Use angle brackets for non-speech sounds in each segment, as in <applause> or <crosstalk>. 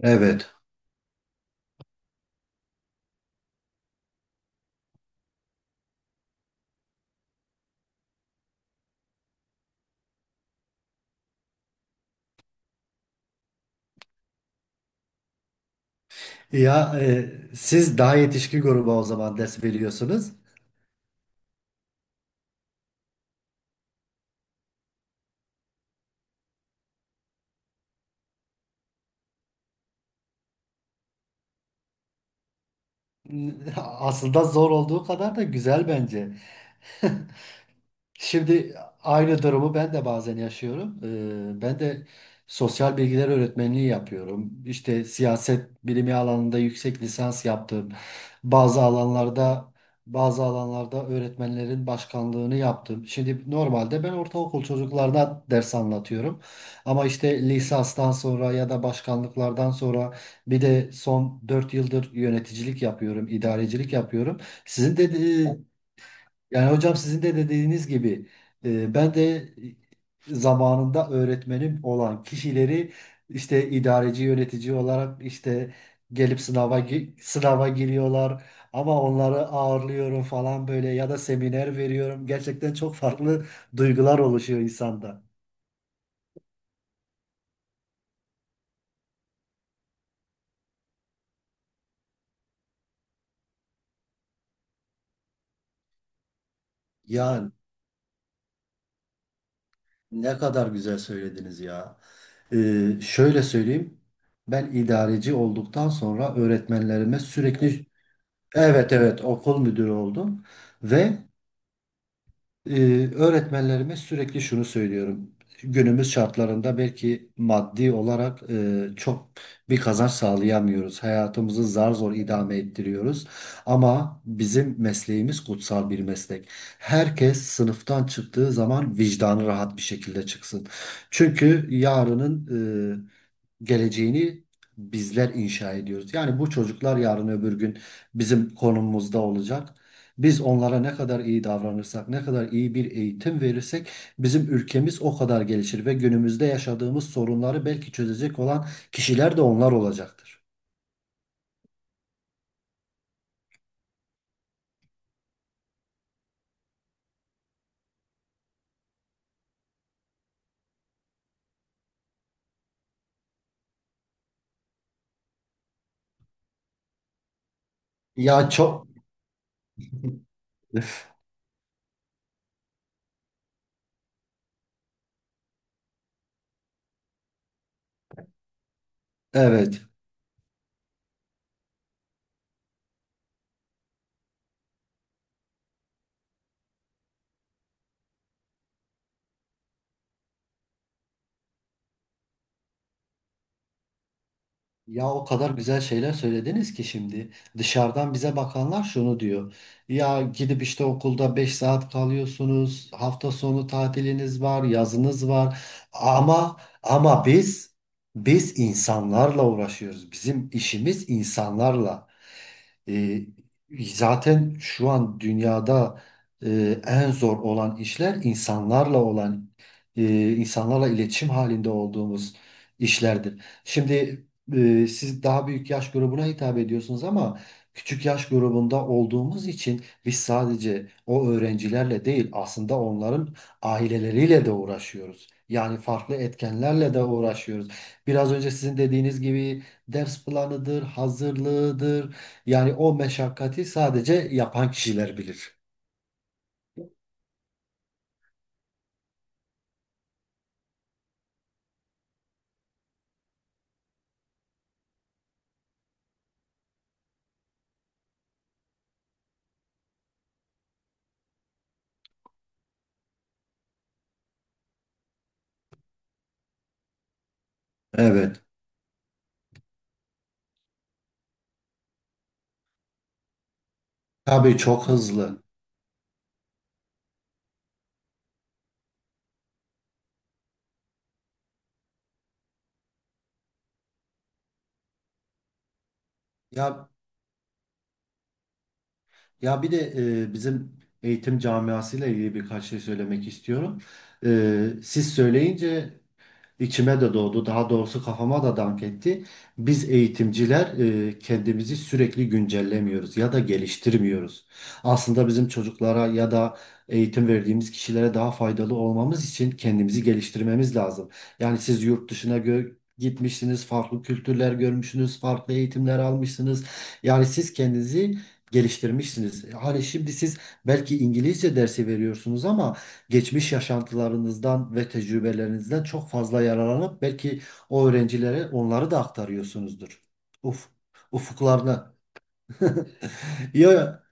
Evet. Ya siz daha yetişkin gruba o zaman ders veriyorsunuz. <laughs> Aslında zor olduğu kadar da güzel bence. Şimdi aynı durumu ben de bazen yaşıyorum. Ben de sosyal bilgiler öğretmenliği yapıyorum. İşte siyaset bilimi alanında yüksek lisans yaptım. Bazı alanlarda bazı alanlarda öğretmenlerin başkanlığını yaptım. Şimdi normalde ben ortaokul çocuklarına ders anlatıyorum. Ama işte lisanstan sonra ya da başkanlıklardan sonra bir de son 4 yıldır yöneticilik yapıyorum, idarecilik yapıyorum. Sizin de yani hocam sizin de dediğiniz gibi ben de zamanında öğretmenim olan kişileri işte idareci yönetici olarak işte gelip sınava giriyorlar ama onları ağırlıyorum falan böyle ya da seminer veriyorum. Gerçekten çok farklı duygular oluşuyor insanda. Ya ne kadar güzel söylediniz ya. Şöyle söyleyeyim. Ben idareci olduktan sonra öğretmenlerime sürekli evet evet okul müdürü oldum ve e, öğretmenlerime sürekli şunu söylüyorum. Günümüz şartlarında belki maddi olarak çok bir kazanç sağlayamıyoruz. Hayatımızı zar zor idame ettiriyoruz. Ama bizim mesleğimiz kutsal bir meslek. Herkes sınıftan çıktığı zaman vicdanı rahat bir şekilde çıksın. Çünkü yarının e, geleceğini bizler inşa ediyoruz. Yani bu çocuklar yarın öbür gün bizim konumumuzda olacak. Biz onlara ne kadar iyi davranırsak, ne kadar iyi bir eğitim verirsek bizim ülkemiz o kadar gelişir ve günümüzde yaşadığımız sorunları belki çözecek olan kişiler de onlar olacaktır. Ya çok. <laughs> Evet. Ya o kadar güzel şeyler söylediniz ki şimdi dışarıdan bize bakanlar şunu diyor. Ya gidip işte okulda 5 saat kalıyorsunuz. Hafta sonu tatiliniz var, yazınız var. Ama ama biz insanlarla uğraşıyoruz. Bizim işimiz insanlarla. Ee, Zaten şu an dünyada en zor olan işler insanlarla olan insanlarla iletişim halinde olduğumuz işlerdir. Şimdi siz daha büyük yaş grubuna hitap ediyorsunuz ama küçük yaş grubunda olduğumuz için biz sadece o öğrencilerle değil aslında onların aileleriyle de uğraşıyoruz. Yani farklı etkenlerle de uğraşıyoruz. Biraz önce sizin dediğiniz gibi ders planıdır, hazırlığıdır. Yani o meşakkati sadece yapan kişiler bilir. Evet. Tabii çok hızlı. Ya, ya bir de bizim eğitim camiasıyla ilgili birkaç şey söylemek istiyorum. Siz söyleyince içime de doğdu. Daha doğrusu kafama da dank etti. Biz eğitimciler kendimizi sürekli güncellemiyoruz ya da geliştirmiyoruz. Aslında bizim çocuklara ya da eğitim verdiğimiz kişilere daha faydalı olmamız için kendimizi geliştirmemiz lazım. Yani siz gitmişsiniz, farklı kültürler görmüşsünüz, farklı eğitimler almışsınız. Yani siz kendinizi geliştirmişsiniz. Hani şimdi siz belki İngilizce dersi veriyorsunuz ama geçmiş yaşantılarınızdan ve tecrübelerinizden çok fazla yararlanıp belki o öğrencilere onları da aktarıyorsunuzdur. Uf, ufuklarına. <laughs> Ya,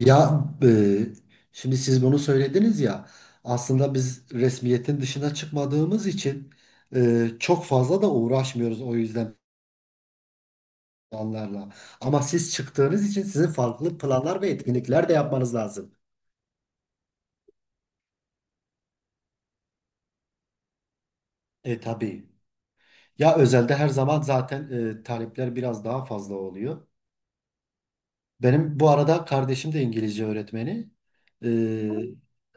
ya şimdi siz bunu söylediniz ya aslında biz resmiyetin dışına çıkmadığımız için çok fazla da uğraşmıyoruz o yüzden planlarla. Ama siz çıktığınız için sizin farklı planlar ve etkinlikler de yapmanız lazım. E tabii. Ya özelde her zaman zaten talepler biraz daha fazla oluyor. Benim bu arada kardeşim de İngilizce öğretmeni. Ee,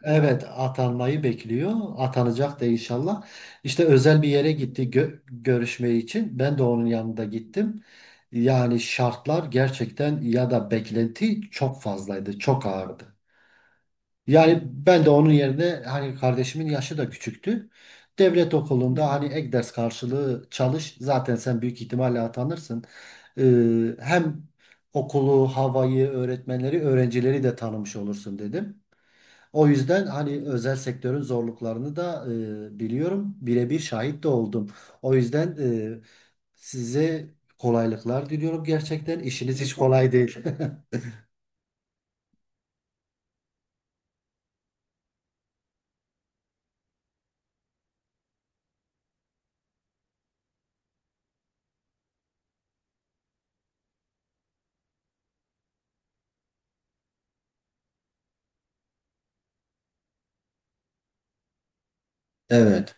evet, atanmayı bekliyor. Atanacak da inşallah. İşte özel bir yere gitti görüşme için. Ben de onun yanında gittim. Yani şartlar gerçekten, ya da beklenti çok fazlaydı, çok ağırdı. Yani ben de onun yerine hani kardeşimin yaşı da küçüktü. Devlet okulunda hani ek ders karşılığı çalış. Zaten sen büyük ihtimalle atanırsın. Hem okulu, havayı, öğretmenleri, öğrencileri de tanımış olursun dedim. O yüzden hani özel sektörün zorluklarını da biliyorum. Birebir şahit de oldum. O yüzden size kolaylıklar diliyorum gerçekten. İşiniz hiç kolay değil. <laughs> Evet.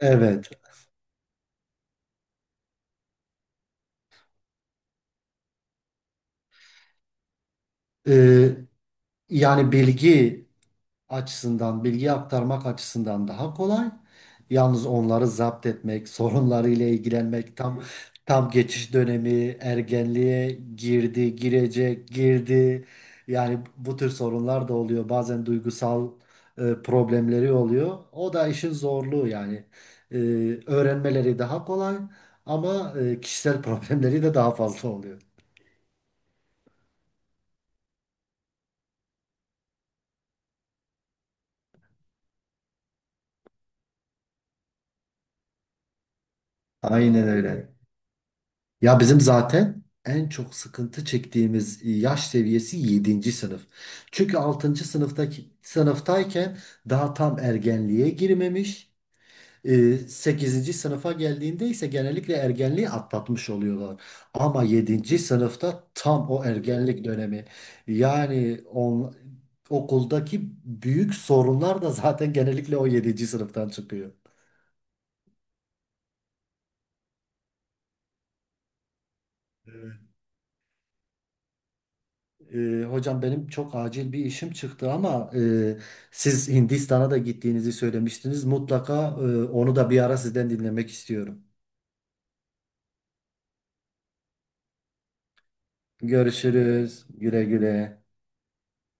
Evet. Ee, Yani bilgi açısından, bilgi aktarmak açısından daha kolay. Yalnız onları zapt etmek, <laughs> sorunlarıyla ilgilenmek tam, tam geçiş dönemi, ergenliğe girdi, girecek, girdi. Yani bu tür sorunlar da oluyor. Bazen duygusal problemleri oluyor. O da işin zorluğu yani. E, Öğrenmeleri daha kolay ama kişisel <laughs> problemleri de daha fazla oluyor. Aynen öyle. Ya bizim zaten en çok sıkıntı çektiğimiz yaş seviyesi yedinci sınıf. Çünkü 6. sınıftayken daha tam ergenliğe girmemiş. Sekizinci sınıfa geldiğinde ise genellikle ergenliği atlatmış oluyorlar. Ama yedinci sınıfta tam o ergenlik dönemi. Yani on, okuldaki büyük sorunlar da zaten genellikle o yedinci sınıftan çıkıyor. Hocam benim çok acil bir işim çıktı ama siz Hindistan'a da gittiğinizi söylemiştiniz. Mutlaka onu da bir ara sizden dinlemek istiyorum. Görüşürüz. Güle güle.